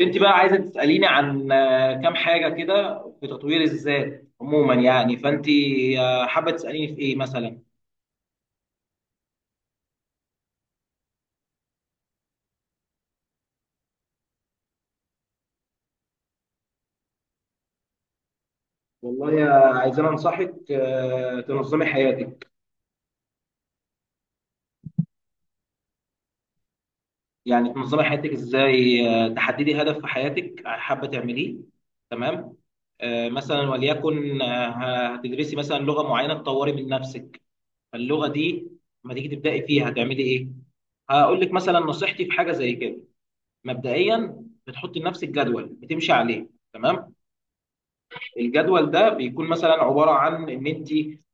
انت بقى عايزه تساليني عن كام حاجه كده في تطوير الذات عموما، يعني فانت حابه تساليني في ايه مثلا؟ والله يا، عايزين انصحك تنظمي حياتك. يعني تنظمي حياتك ازاي؟ تحددي هدف في حياتك حابه تعمليه. تمام. مثلا وليكن هتدرسي مثلا لغه معينه تطوري من نفسك. فاللغه دي لما تيجي تبداي فيها هتعملي ايه؟ هقول لك مثلا نصيحتي في حاجه زي كده. مبدئيا بتحط لنفسك جدول بتمشي عليه. تمام. الجدول ده بيكون مثلا عباره عن ان انت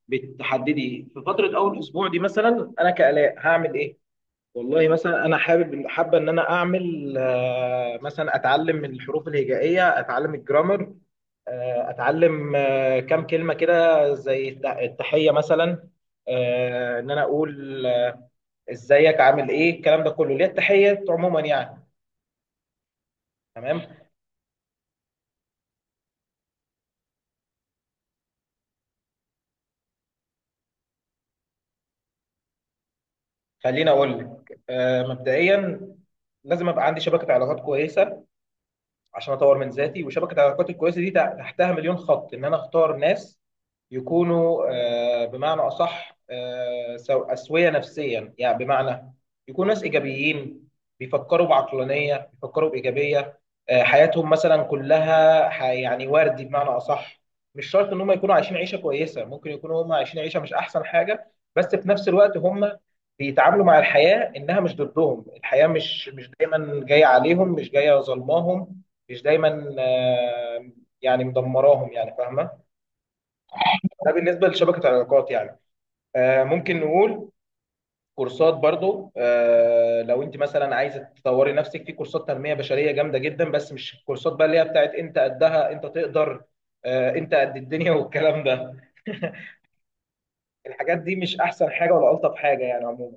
بتحددي في فتره اول اسبوع، دي مثلا انا كالاء هعمل ايه. والله مثلا انا حابه ان انا اعمل مثلا اتعلم الحروف الهجائيه، اتعلم الجرامر. اتعلم كام كلمه كده زي التحيه مثلا. ان انا اقول ازيك، عامل ايه، الكلام ده كله ليه؟ التحيه عموما يعني. تمام. خليني اقول لك مبدئيا لازم ابقى عندي شبكه علاقات كويسه عشان اطور من ذاتي. وشبكه العلاقات الكويسه دي تحتها مليون خط، ان انا اختار ناس يكونوا بمعنى أصح أسوية نفسيا، يعني بمعنى يكونوا ناس إيجابيين، بيفكروا بعقلانية، بيفكروا بإيجابية. حياتهم مثلا كلها يعني وردي، بمعنى أصح. مش شرط إن هم يكونوا عايشين عيشة كويسة، ممكن يكونوا هم عايشين عيشة مش أحسن حاجة، بس في نفس الوقت هم بيتعاملوا مع الحياة إنها مش ضدهم. الحياة مش دايما جاية عليهم، مش جاية ظلماهم، مش دايما يعني مدمراهم، يعني فاهمة؟ ده بالنسبه لشبكه علاقات يعني. ممكن نقول كورسات برضو. لو انت مثلا عايزه تطوري نفسك، في كورسات تنميه بشريه جامده جدا، بس مش الكورسات بقى اللي هي بتاعت انت قدها، انت تقدر انت قد الدنيا والكلام ده. الحاجات دي مش احسن حاجه ولا الطف حاجه يعني عموما.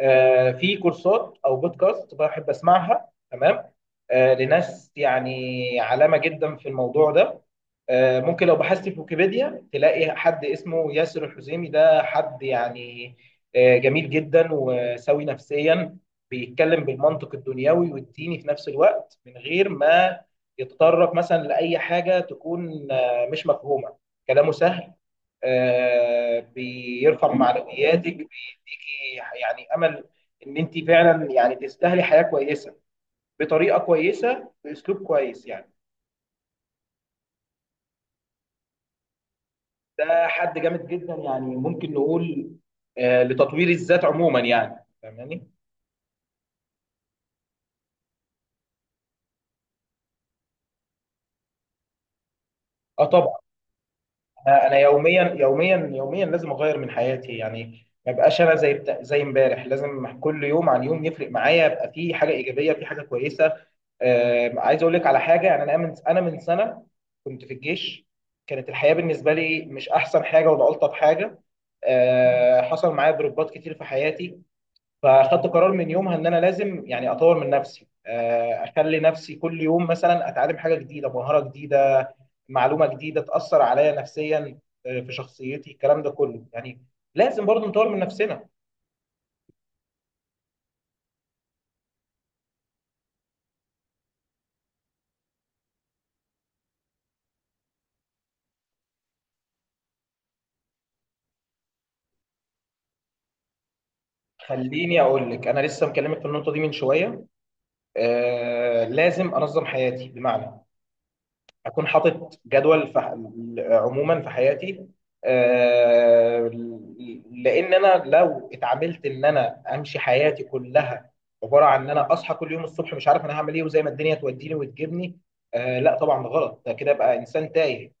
في كورسات او بودكاست بحب اسمعها. تمام. لناس يعني علامه جدا في الموضوع ده. ممكن لو بحثت في ويكيبيديا تلاقي حد اسمه ياسر الحزيمي، ده حد يعني جميل جدا وسوي نفسيا. بيتكلم بالمنطق الدنيوي والديني في نفس الوقت، من غير ما يتطرق مثلا لأي حاجة تكون مش مفهومة. كلامه سهل، بيرفع معنوياتك، ليكي يعني امل ان انت فعلا يعني تستاهلي حياه كويسه بطريقه كويسه باسلوب كويس يعني. ده حد جامد جدا يعني، ممكن نقول لتطوير الذات عموما يعني. فاهماني؟ اه طبعا. انا يوميا يوميا يوميا لازم اغير من حياتي، يعني ما بقاش انا زي امبارح. لازم كل يوم عن يوم يفرق معايا، يبقى في حاجه ايجابيه، في حاجه كويسه. عايز اقول لك على حاجه يعني. انا من سنه كنت في الجيش. كانت الحياه بالنسبه لي مش احسن حاجه ولا الطف حاجه. حصل معايا ضربات كتير في حياتي. فاخدت قرار من يومها، ان انا لازم يعني اطور من نفسي، اخلي نفسي كل يوم مثلا اتعلم حاجه جديده، مهاره جديده، معلومه جديده تاثر عليا نفسيا، في شخصيتي الكلام ده كله يعني. لازم برضو نطور من نفسنا. خليني اقول لك، انا لسه مكلمك في النقطه دي من شويه. لازم انظم حياتي، بمعنى اكون حاطط جدول عموما في حياتي. آه، لان انا لو اتعاملت ان انا امشي حياتي كلها عباره عن ان انا اصحى كل يوم الصبح مش عارف انا هعمل ايه، وزي ما الدنيا توديني وتجيبني، لا طبعا ده غلط، ده كده بقى انسان تايه.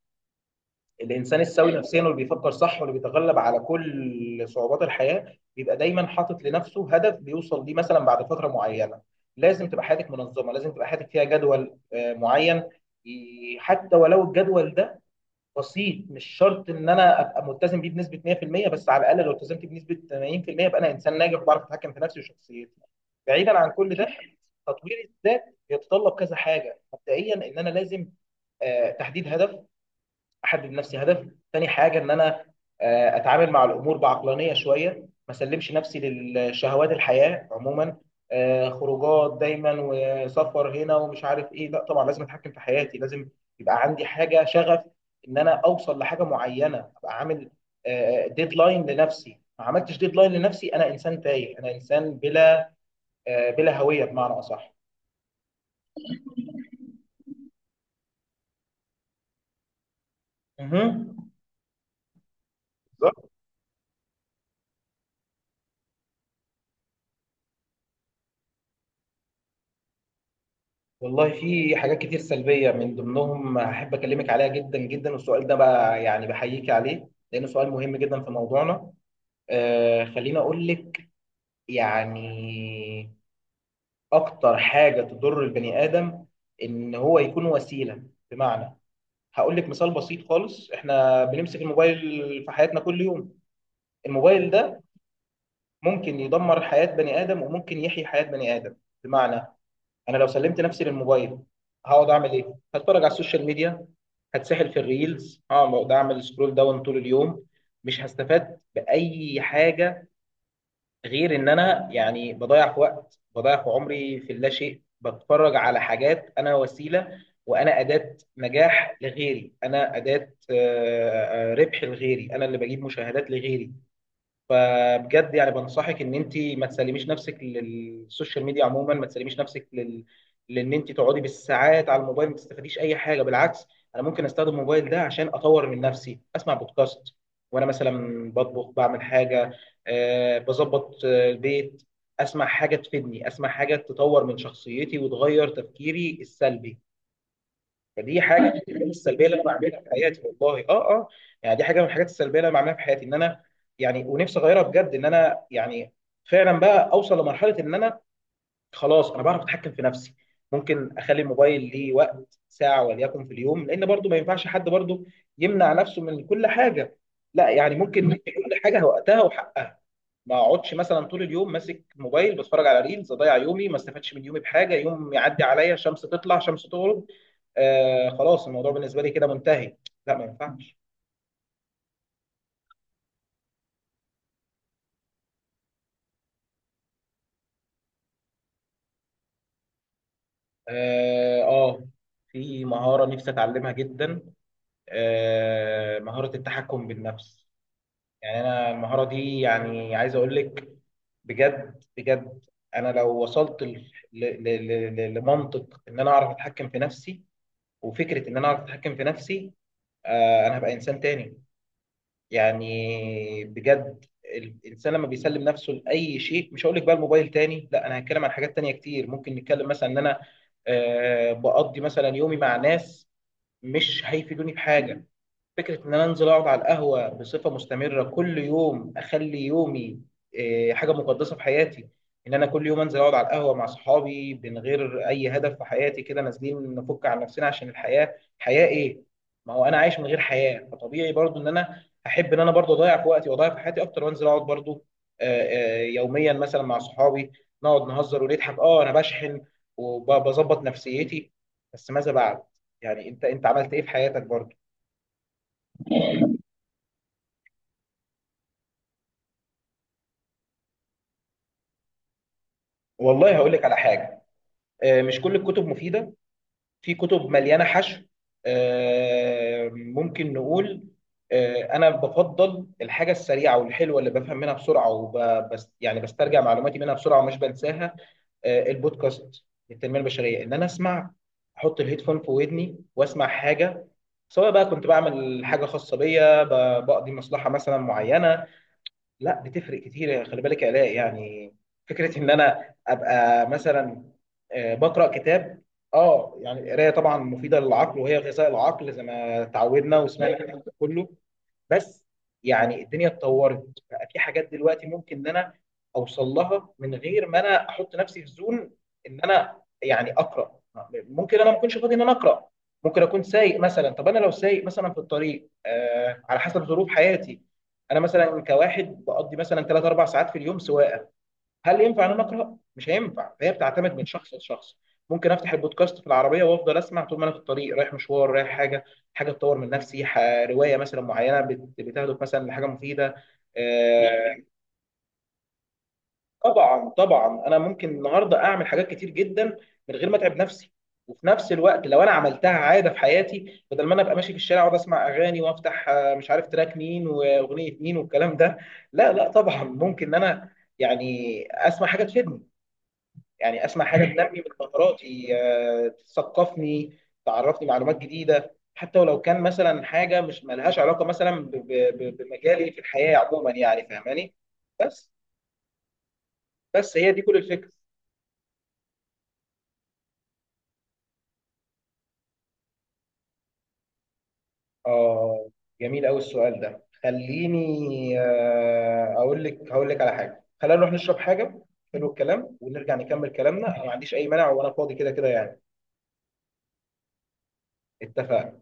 الانسان السوي نفسيا، واللي بيفكر صح، واللي بيتغلب على كل صعوبات الحياه، بيبقى دايما حاطط لنفسه هدف بيوصل ليه مثلا بعد فتره معينه. لازم تبقى حياتك منظمه، لازم تبقى حياتك فيها جدول معين. حتى ولو الجدول ده بسيط، مش شرط ان انا ابقى ملتزم بيه بنسبه 100%، بس على الاقل لو التزمت بنسبه 80% يبقى انا انسان ناجح وبعرف اتحكم في نفسي وشخصيتي. بعيدا عن كل ده، تطوير الذات يتطلب كذا حاجه. مبدئيا ان انا لازم تحديد هدف، احدد لنفسي هدف. تاني حاجه ان انا اتعامل مع الامور بعقلانيه شويه، ما اسلمش نفسي للشهوات، الحياه عموما خروجات دايما وسفر هنا ومش عارف ايه، لا طبعا لازم اتحكم في حياتي. لازم يبقى عندي حاجه شغف، ان انا اوصل لحاجه معينه، ابقى عامل ديدلاين لنفسي. ما عملتش ديدلاين لنفسي، انا انسان تايه، انا انسان بلا بلا هويه بمعنى اصح. مهم. والله في حاجات كتير سلبية، من ضمنهم أحب أكلمك عليها جدا جدا. والسؤال ده بقى يعني بحييك عليه، لأنه سؤال مهم جدا في موضوعنا. خليني أقول لك، يعني أكتر حاجة تضر البني آدم إن هو يكون وسيلة. بمعنى، هقول لك مثال بسيط خالص، إحنا بنمسك الموبايل في حياتنا كل يوم. الموبايل ده ممكن يدمر حياة بني آدم وممكن يحيي حياة بني آدم. بمعنى، انا لو سلمت نفسي للموبايل، هقعد اعمل ايه؟ هتفرج على السوشيال ميديا، هتسحل في الريلز، هقعد اعمل سكرول داون طول اليوم. مش هستفاد باي حاجه، غير ان انا يعني بضيع في وقت، بضيع في عمري في اللا شيء، بتفرج على حاجات. انا وسيله، وانا اداه نجاح لغيري، انا اداه ربح لغيري، انا اللي بجيب مشاهدات لغيري. فبجد يعني بنصحك ان انت ما تسلميش نفسك للسوشيال ميديا عموما، ما تسلميش نفسك لان انت تقعدي بالساعات على الموبايل ما تستفاديش اي حاجه، بالعكس. انا ممكن استخدم الموبايل ده عشان اطور من نفسي، اسمع بودكاست وانا مثلا بطبخ، بعمل حاجه، بظبط البيت، اسمع حاجه تفيدني، اسمع حاجه تطور من شخصيتي وتغير تفكيري السلبي. فدي حاجه من الحاجات السلبيه اللي انا بعملها في حياتي والله. اه اه. يعني دي حاجه من الحاجات السلبيه اللي انا بعملها في حياتي، ان انا يعني ونفسي اغيرها بجد، ان انا يعني فعلا بقى اوصل لمرحله ان انا خلاص انا بعرف اتحكم في نفسي. ممكن اخلي الموبايل ليه وقت ساعه وليكن في اليوم، لان برضو ما ينفعش حد برضو يمنع نفسه من كل حاجه. لا، يعني ممكن ندي كل حاجه وقتها وحقها. ما اقعدش مثلا طول اليوم ماسك موبايل بتفرج على ريلز، اضيع يومي ما استفادش من يومي بحاجه، يوم يعدي عليا شمس تطلع شمس تغرب. خلاص الموضوع بالنسبه لي كده منتهي. لا ما ينفعش. اه. في مهاره نفسي اتعلمها جدا. مهاره التحكم بالنفس. يعني انا المهاره دي، يعني عايز اقول لك بجد بجد. انا لو وصلت لمنطق ان انا اعرف اتحكم في نفسي، وفكره ان انا اعرف اتحكم في نفسي، انا هبقى انسان تاني. يعني بجد. الانسان لما بيسلم نفسه لاي شيء، مش هقول لك بقى الموبايل تاني، لا انا هتكلم عن حاجات تانية كتير. ممكن نتكلم مثلا ان انا بقضي مثلا يومي مع ناس مش هيفيدوني بحاجه. فكرة إن أنا أنزل أقعد على القهوة بصفة مستمرة كل يوم، أخلي يومي حاجة مقدسة في حياتي. إن أنا كل يوم أنزل أقعد على القهوة مع صحابي من غير أي هدف في حياتي، كده نازلين نفك عن نفسنا عشان الحياة حياة إيه؟ ما هو أنا عايش من غير حياة، فطبيعي برضو إن أنا أحب إن أنا برضو أضيع في وقتي وأضيع في حياتي أكتر، وأنزل أقعد برضو آه، يوميا مثلا مع صحابي، نقعد نهزر ونضحك. أنا بشحن وبظبط نفسيتي. بس ماذا بعد؟ يعني أنت عملت إيه في حياتك برضو؟ والله هقول لك على حاجه. مش كل الكتب مفيده، في كتب مليانه حشو. ممكن نقول انا بفضل الحاجه السريعه والحلوه اللي بفهم منها بسرعه وبس، يعني بسترجع معلوماتي منها بسرعه ومش بنساها. البودكاست للتنميه البشريه، ان انا اسمع، احط الهيدفون في ودني واسمع حاجه، سواء بقى كنت بعمل حاجه خاصه بيا، بقضي مصلحه مثلا معينه. لا، بتفرق كتير. خلي بالك يا علاء يعني، فكره ان انا ابقى مثلا بقرا كتاب. اه يعني القرايه طبعا مفيده للعقل وهي غذاء العقل، زي ما تعودنا وسمعنا الكلام ده كله. بس يعني الدنيا اتطورت، بقى في حاجات دلوقتي ممكن ان انا اوصل لها من غير ما انا احط نفسي في زون ان انا يعني اقرا. ممكن انا ما اكونش فاضي ان انا اقرا. ممكن اكون سايق مثلا. طب انا لو سايق مثلا في الطريق، على حسب ظروف حياتي، انا مثلا كواحد بقضي مثلا 3 4 ساعات في اليوم سواقه، هل ينفع ان انا اقرا؟ مش هينفع. فهي بتعتمد من شخص لشخص. ممكن افتح البودكاست في العربيه وافضل اسمع طول ما انا في الطريق، رايح مشوار، رايح حاجه، حاجه تطور من نفسي، روايه مثلا معينه بتهدف مثلا لحاجه مفيده. آه، طبعا طبعا، انا ممكن النهارده اعمل حاجات كتير جدا من غير ما اتعب نفسي. وفي نفس الوقت لو انا عملتها عاده في حياتي، بدل ما انا ابقى ماشي في الشارع واقعد اسمع اغاني وافتح مش عارف تراك مين واغنيه مين والكلام ده، لا لا طبعا ممكن ان انا يعني اسمع حاجه تفيدني، يعني اسمع حاجه تنمي من مهاراتي، تثقفني، تعرفني معلومات جديده، حتى ولو كان مثلا حاجه مش ملهاش علاقه مثلا بمجالي في الحياه عموما، يعني فاهماني؟ بس. بس هي دي كل الفكره. اه، جميل قوي السؤال ده. خليني اقول لك، هقول لك على حاجه، خلينا نروح نشرب حاجه. حلو الكلام، ونرجع نكمل كلامنا. انا ما عنديش اي مانع، وانا فاضي كده كده يعني. اتفقنا.